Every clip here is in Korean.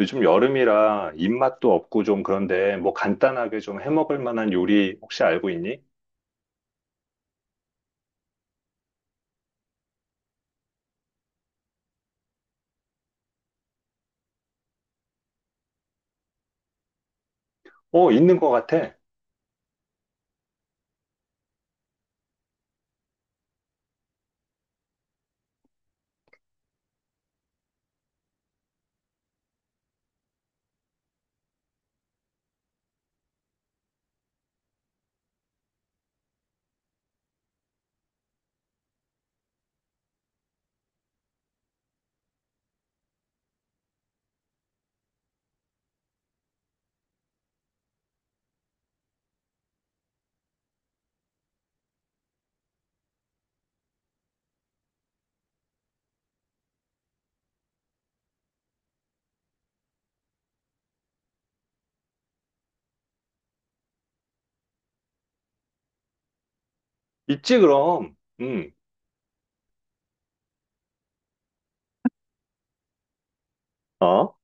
요즘 여름이라 입맛도 없고 좀 그런데 뭐 간단하게 좀 해먹을 만한 요리 혹시 알고 있니? 어, 있는 것 같아. 있지, 그럼. 음. 어?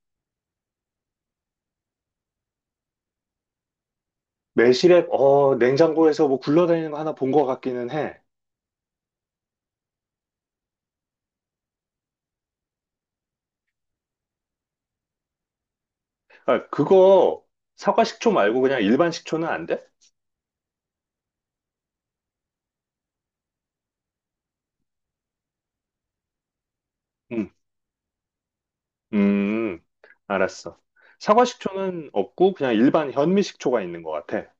매실액, 어, 냉장고에서 뭐 굴러다니는 거 하나 본 것 같기는 해. 아, 그거 사과 식초 말고 그냥 일반 식초는 안 돼? 음, 음, 알았어. 사과 식초는 없고 그냥 일반 현미 식초가 있는 것 같아.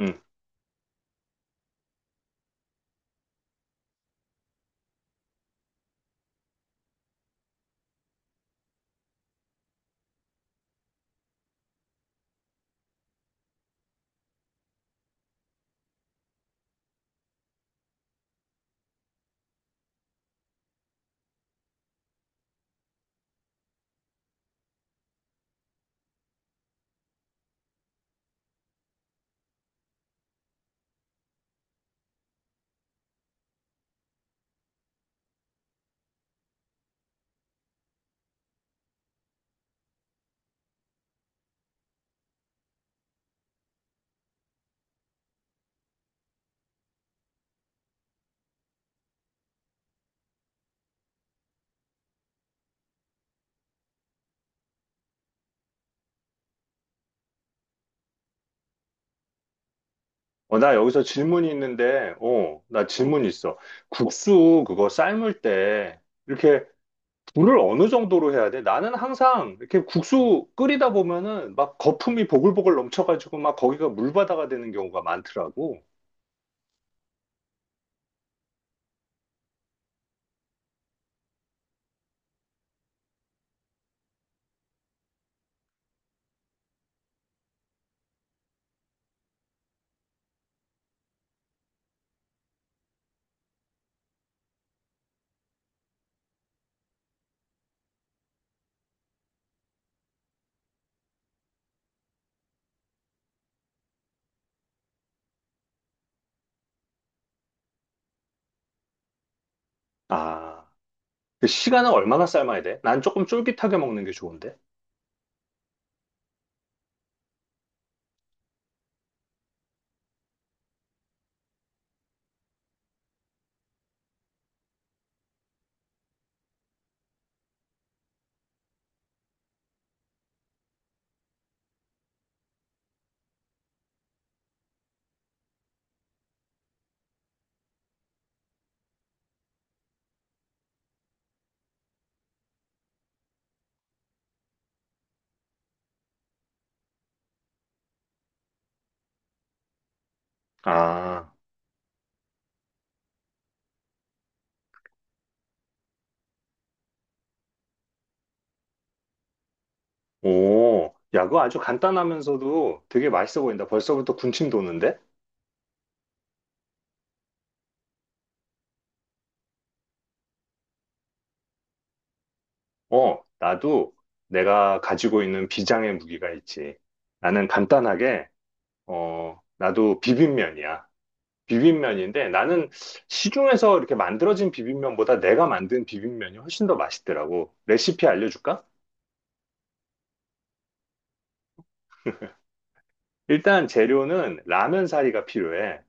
음. 어, 나 여기서 질문이 있는데, 나 질문 있어. 국수 그거 삶을 때 이렇게 물을 어느 정도로 해야 돼? 나는 항상 이렇게 국수 끓이다 보면은 막 거품이 보글보글 넘쳐가지고 막 거기가 물바다가 되는 경우가 많더라고. 아, 그 시간은 얼마나 삶아야 돼? 난 조금 쫄깃하게 먹는 게 좋은데. 아, 오, 야, 그거 아주 간단하면서도 되게 맛있어 보인다. 벌써부터 군침 도는데? 어, 나도 내가 가지고 있는 비장의 무기가 있지. 나는 간단하게, 나도 비빔면이야. 비빔면인데 나는 시중에서 이렇게 만들어진 비빔면보다 내가 만든 비빔면이 훨씬 더 맛있더라고. 레시피 알려줄까? 일단 재료는 라면 사리가 필요해.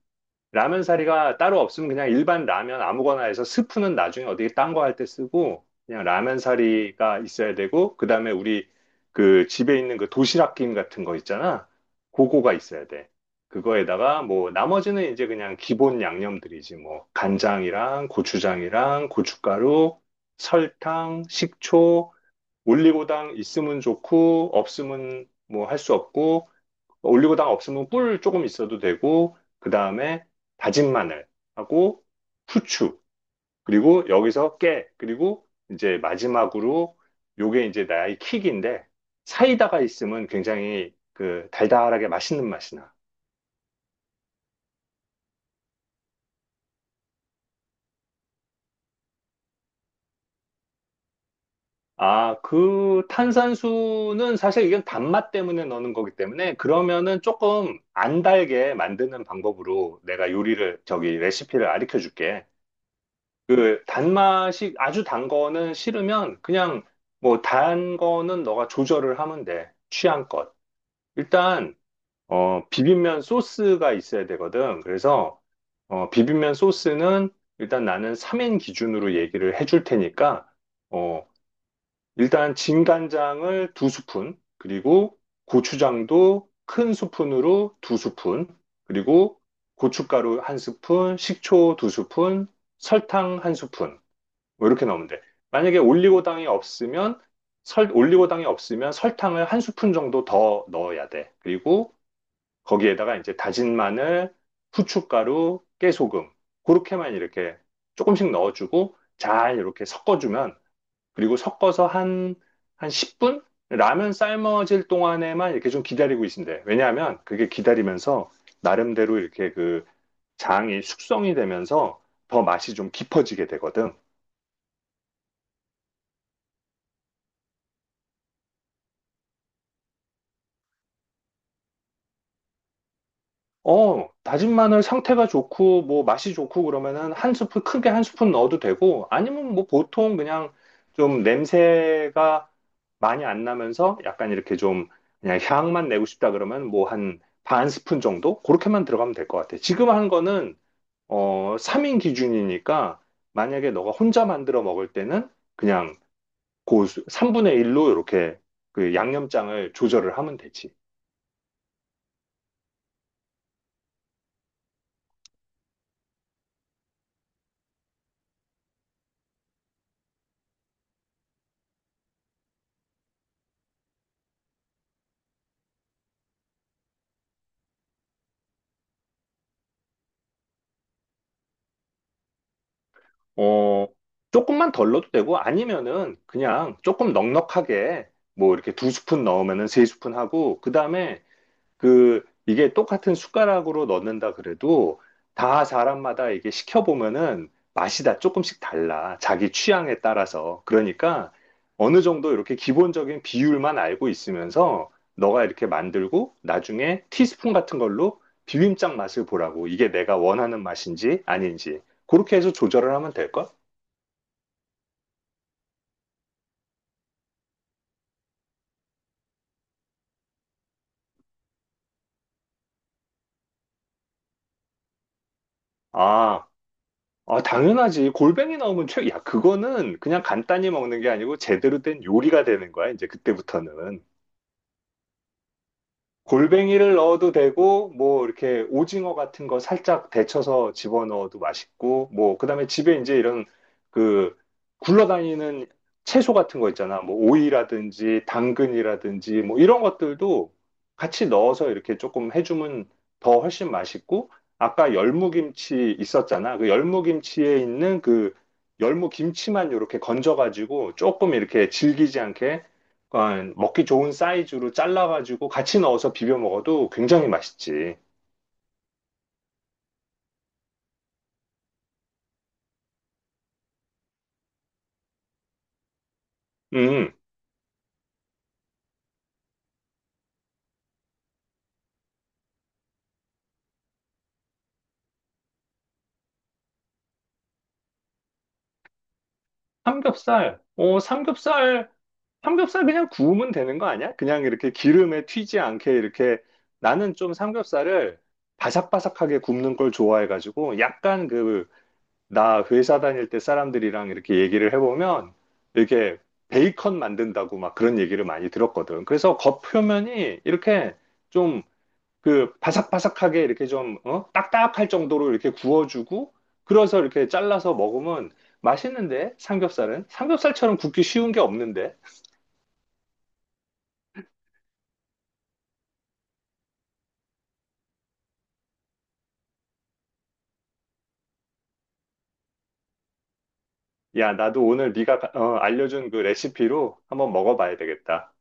라면 사리가 따로 없으면 그냥 일반 라면 아무거나 해서 스프는 나중에 어디 딴 거 할 때 쓰고 그냥 라면 사리가 있어야 되고, 그다음에 우리 그 집에 있는 그 도시락 김 같은 거 있잖아. 그거가 있어야 돼. 그거에다가 뭐 나머지는 이제 그냥 기본 양념들이지. 뭐 간장이랑 고추장이랑 고춧가루, 설탕, 식초, 올리고당 있으면 좋고 없으면 뭐 할 수 없고, 올리고당 없으면 꿀 조금 있어도 되고, 그 다음에 다진 마늘하고 후추, 그리고 여기서 깨, 그리고 이제 마지막으로 요게 이제 나의 킥인데, 사이다가 있으면 굉장히 그 달달하게 맛있는 맛이 나. 아, 그 탄산수는 사실 이건 단맛 때문에 넣는 거기 때문에, 그러면은 조금 안 달게 만드는 방법으로 내가 요리를, 저기 레시피를 가르쳐 줄게. 그 단맛이 아주 단 거는 싫으면 그냥 뭐 단 거는 너가 조절을 하면 돼. 취향껏. 일단 비빔면 소스가 있어야 되거든. 그래서 비빔면 소스는, 일단 나는 3인 기준으로 얘기를 해줄 테니까, 어 일단 진간장을 두 스푼, 그리고 고추장도 큰 스푼으로 두 스푼, 그리고 고춧가루 한 스푼, 식초 두 스푼, 설탕 한 스푼, 뭐 이렇게 넣으면 돼. 만약에 올리고당이 없으면, 올리고당이 없으면 설탕을 한 스푼 정도 더 넣어야 돼. 그리고 거기에다가 이제 다진 마늘, 후춧가루, 깨소금 그렇게만 이렇게 조금씩 넣어주고 잘 이렇게 섞어주면, 그리고 섞어서 한 10분? 라면 삶아질 동안에만 이렇게 좀 기다리고 있으면 돼. 왜냐하면 그게 기다리면서 나름대로 이렇게 그 장이 숙성이 되면서 더 맛이 좀 깊어지게 되거든. 어, 다진 마늘 상태가 좋고, 뭐, 맛이 좋고, 그러면은 한 스푼, 크게 한 스푼 넣어도 되고, 아니면 뭐, 보통 그냥 좀 냄새가 많이 안 나면서 약간 이렇게 좀 그냥 향만 내고 싶다 그러면 뭐, 한 반 스푼 정도? 그렇게만 들어가면 될 것 같아. 지금 한 거는, 3인 기준이니까, 만약에 너가 혼자 만들어 먹을 때는 그냥 그 3분의 1로 이렇게 그 양념장을 조절을 하면 되지. 어, 조금만 덜 넣어도 되고, 아니면은 그냥 조금 넉넉하게, 뭐 이렇게 두 스푼 넣으면은 세 스푼 하고, 그다음에 그 이게 똑같은 숟가락으로 넣는다 그래도 다 사람마다 이게 시켜보면은 맛이 다 조금씩 달라. 자기 취향에 따라서. 그러니까 어느 정도 이렇게 기본적인 비율만 알고 있으면서 너가 이렇게 만들고 나중에 티스푼 같은 걸로 비빔장 맛을 보라고. 이게 내가 원하는 맛인지 아닌지. 그렇게 해서 조절을 하면 될걸? 아, 아, 당연하지. 골뱅이 나오면 야, 그거는 그냥 간단히 먹는 게 아니고 제대로 된 요리가 되는 거야, 이제 그때부터는. 골뱅이를 넣어도 되고, 뭐, 이렇게 오징어 같은 거 살짝 데쳐서 집어넣어도 맛있고, 뭐, 그 다음에 집에 이제 이런 그 굴러다니는 채소 같은 거 있잖아. 뭐, 오이라든지, 당근이라든지, 뭐, 이런 것들도 같이 넣어서 이렇게 조금 해주면 더 훨씬 맛있고, 아까 열무김치 있었잖아. 그 열무김치에 있는 그 열무김치만 이렇게 건져가지고 조금 이렇게 질기지 않게, 약간 먹기 좋은 사이즈로 잘라가지고 같이 넣어서 비벼 먹어도 굉장히 맛있지. 음, 삼겹살. 어, 삼겹살. 삼겹살 그냥 구우면 되는 거 아니야? 그냥 이렇게 기름에 튀지 않게 이렇게, 나는 좀 삼겹살을 바삭바삭하게 굽는 걸 좋아해가지고, 약간 그 나 회사 다닐 때 사람들이랑 이렇게 얘기를 해보면 이렇게 베이컨 만든다고 막 그런 얘기를 많이 들었거든. 그래서 겉표면이 이렇게 좀 그 바삭바삭하게 이렇게 좀 어? 딱딱할 정도로 이렇게 구워주고, 그래서 이렇게 잘라서 먹으면 맛있는데, 삼겹살은 삼겹살처럼 굽기 쉬운 게 없는데. 야, 나도 오늘 네가 알려준 그 레시피로 한번 먹어봐야 되겠다.